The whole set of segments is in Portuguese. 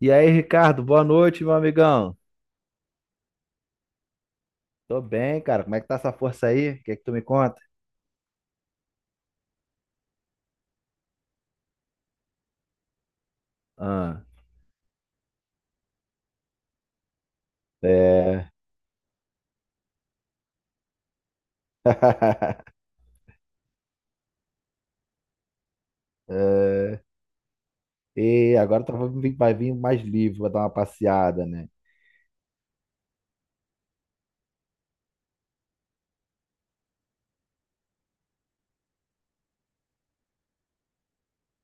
E aí, Ricardo, boa noite, meu amigão. Tô bem, cara. Como é que tá essa força aí? O que é que tu me conta? Ah, é. É. E agora tá, vai vir mais livre, vai dar uma passeada, né?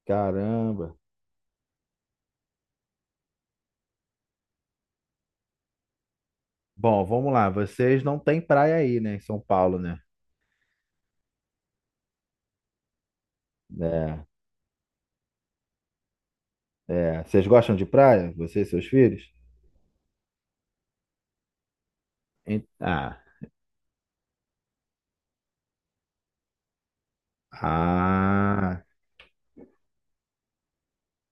Caramba. Bom, vamos lá. Vocês não têm praia aí, né, em São Paulo, né? É. É. Vocês gostam de praia? Você e seus filhos? Ah. Ah.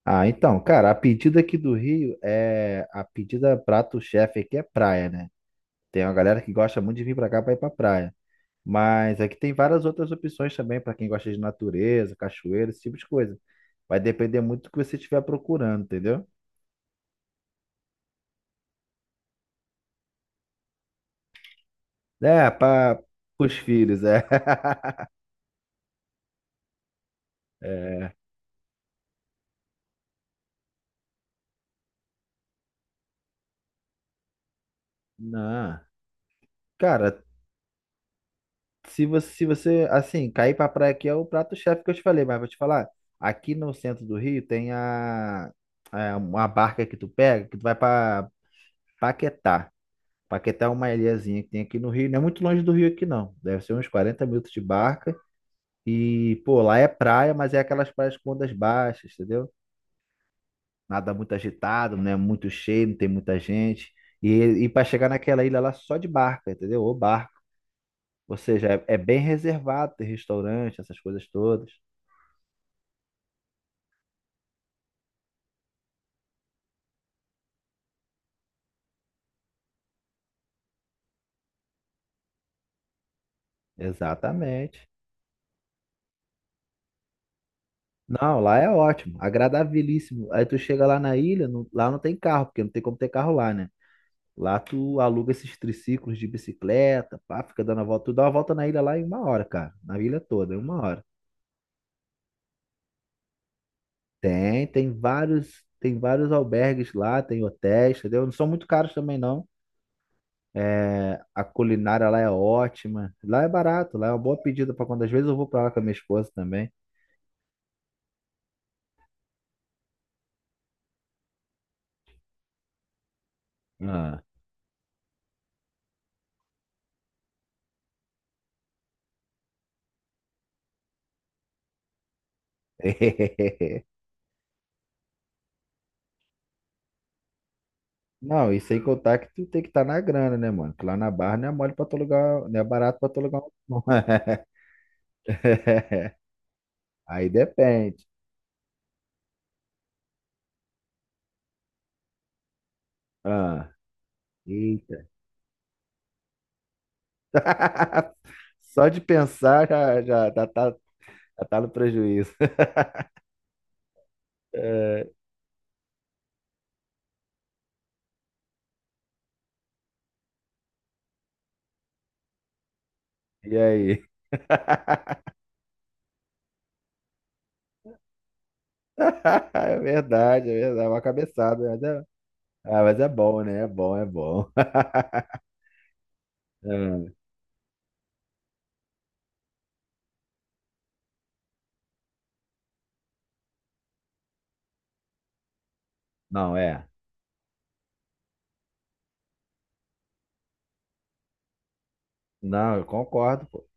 Ah, então, cara, a pedida aqui do Rio é. A pedida prato-chefe aqui é praia, né? Tem uma galera que gosta muito de vir pra cá pra ir pra praia. Mas aqui tem várias outras opções também pra quem gosta de natureza, cachoeira, esse tipo de coisa. Vai depender muito do que você estiver procurando, entendeu? É, para os filhos, é. Não. Cara, se você, assim, cair pra praia aqui é o prato-chefe que eu te falei, mas vou te falar, aqui no centro do Rio tem uma barca que tu pega, que tu vai pra Paquetá. Paquetá é uma ilhazinha que tem aqui no Rio, não é muito longe do Rio aqui não, deve ser uns 40 minutos de barca. E, pô, lá é praia, mas é aquelas praias com ondas baixas, entendeu? Nada muito agitado, não é muito cheio, não tem muita gente. E, e para chegar naquela ilha lá só de barca, entendeu? Ou barco. Ou seja, é bem reservado, tem restaurante, essas coisas todas. Exatamente. Não, lá é ótimo, agradabilíssimo. Aí tu chega lá na ilha, lá não tem carro, porque não tem como ter carro lá, né? Lá tu aluga esses triciclos de bicicleta, pá, fica dando a volta. Tu dá uma volta na ilha lá em uma hora, cara. Na ilha toda, em uma hora. Tem vários albergues lá, tem hotéis, entendeu? Não são muito caros também, não. É, a culinária lá é ótima. Lá é barato, lá é uma boa pedida para quando às vezes eu vou para lá com a minha esposa também. Ah. Não, e sem contar que tu tem que estar na grana, né, mano? Que lá na Barra não é mole pra tu alugar, não é barato pra tu alugar um. Aí depende. Eita. Só de pensar já tá no prejuízo. É, e aí? É verdade, é verdade. É uma cabeçada, mas é bom, né? É bom, é bom. É, não, é. Não, eu concordo, pô.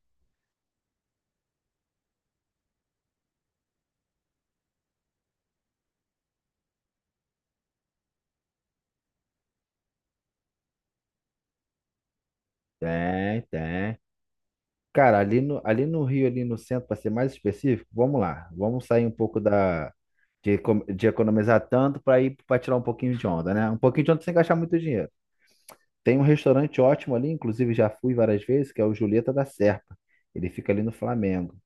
Tem, tem. Cara, ali no Rio, ali no centro, para ser mais específico, vamos lá. Vamos sair um pouco de economizar tanto para tirar um pouquinho de onda, né? Um pouquinho de onda sem gastar muito dinheiro. Tem um restaurante ótimo ali, inclusive já fui várias vezes, que é o Julieta da Serpa. Ele fica ali no Flamengo.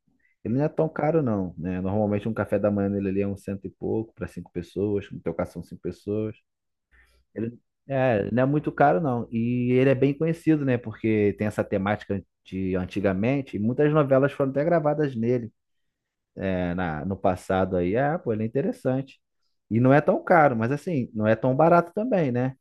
Ele não é tão caro, não, né? Normalmente um café da manhã nele ali é um cento e pouco para cinco pessoas, no teu caso são cinco pessoas. Ele é, não é muito caro, não. E ele é bem conhecido, né? Porque tem essa temática de antigamente, e muitas novelas foram até gravadas nele, é, no passado aí. Ah, pô, ele é interessante. E não é tão caro, mas assim, não é tão barato também, né?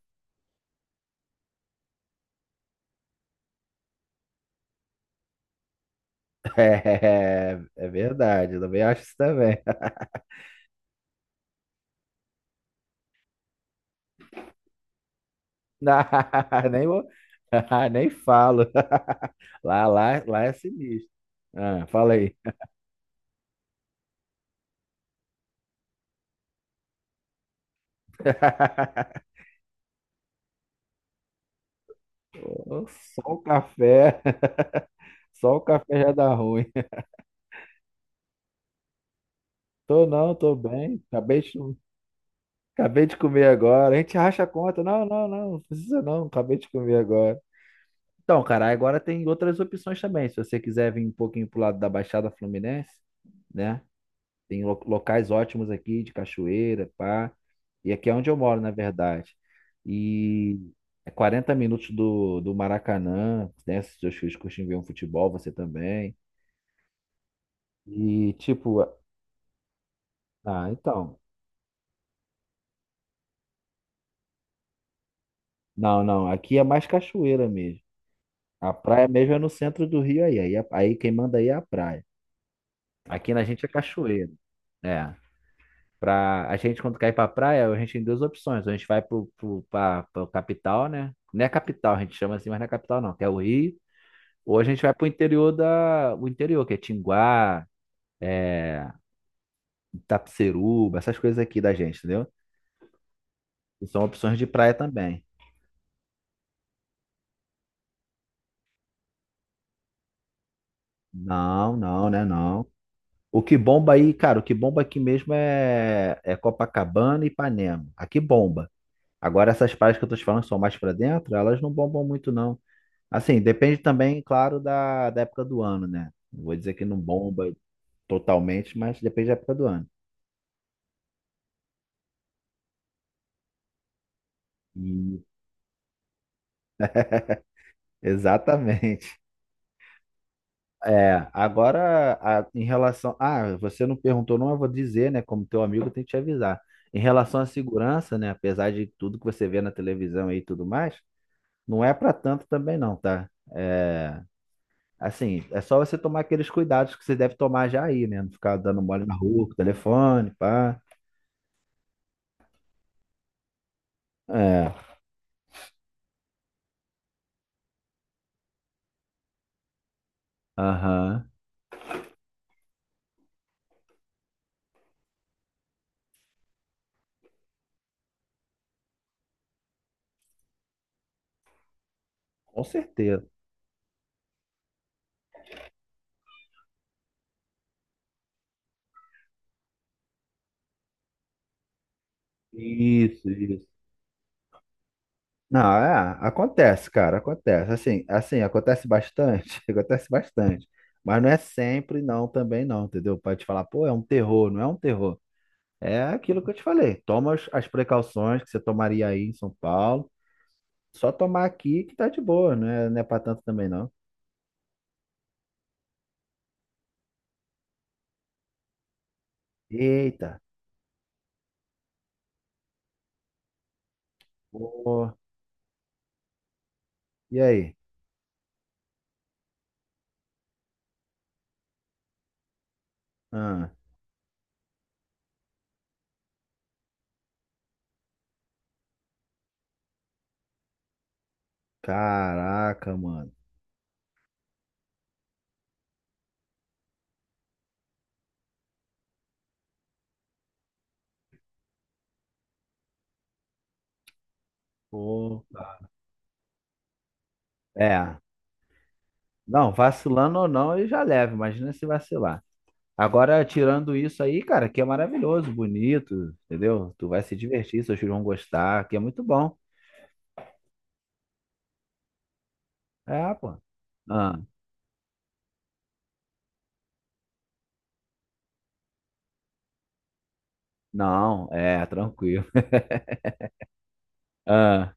É verdade, eu também acho isso também. nem, vou- nem falo. Lá é sinistro. Ah, fala aí. Ô, só o café, só o café já dá ruim. Tô não, tô bem. Acabei de comer agora. A gente racha a conta. Não, não, não, não precisa não. Acabei de comer agora. Então, cara, agora tem outras opções também. Se você quiser vir um pouquinho pro lado da Baixada Fluminense, né? Tem locais ótimos aqui de cachoeira, pá. E aqui é onde eu moro, na verdade. E é 40 minutos do Maracanã, né? Se seus filhos curtem ver um futebol, você também. E tipo, ah, então. Não, não, aqui é mais cachoeira mesmo. A praia mesmo é no centro do Rio aí. Aí quem manda aí é a praia. Aqui na gente é cachoeira. É. A gente, quando cai pra praia, a gente tem duas opções. Ou a gente vai pra capital, né? Não é capital, a gente chama assim, mas não é capital, não, que é o Rio. Ou a gente vai pro interior da. O interior, que é Tinguá, é... Itapeceruba, essas coisas aqui da gente, entendeu? E são opções de praia também. Não, não, né? Não. O que bomba aí, cara, o que bomba aqui mesmo é Copacabana e Ipanema. Aqui bomba. Agora, essas praias que eu tô te falando que são mais pra dentro, elas não bombam muito, não. Assim, depende também, claro, da época do ano, né? Não vou dizer que não bomba totalmente, mas depende da época do ano. E- Exatamente. É, agora, em relação. Ah, você não perguntou, não, eu vou dizer, né? Como teu amigo, eu tenho que te avisar. Em relação à segurança, né? Apesar de tudo que você vê na televisão aí e tudo mais, não é para tanto também, não, tá? É, assim, é só você tomar aqueles cuidados que você deve tomar já aí, né? Não ficar dando mole na rua, com o telefone, pá. É. Aham. Com certeza. Isso, isso. Não, é, acontece, cara, acontece. Assim, assim, acontece bastante, acontece bastante. Mas não é sempre, não, também não, entendeu? Pode te falar, pô, é um terror, não é um terror. É aquilo que eu te falei. Toma as precauções que você tomaria aí em São Paulo. Só tomar aqui que tá de boa, não é pra tanto também, não. Eita, pô, e aí? Ah, caraca, mano. Pô, é. Não, vacilando ou não, ele já leva. Imagina se vacilar. Agora, tirando isso aí, cara, que é maravilhoso, bonito, entendeu? Tu vai se divertir, seus filhos vão gostar, que é muito bom. É, pô. Ah, não, é, tranquilo. Ah,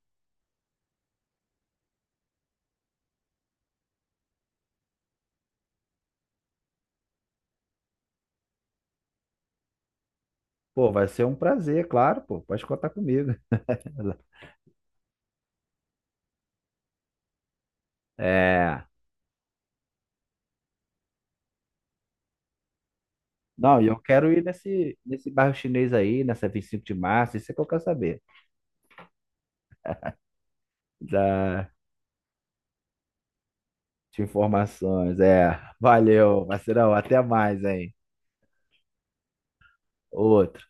pô, vai ser um prazer, claro, pô, pode contar comigo. É. Não, e eu quero ir nesse bairro chinês aí, nessa 25 de março, isso é que eu quero saber. Da, de informações, é. Valeu, parceirão, até mais, hein? Outro.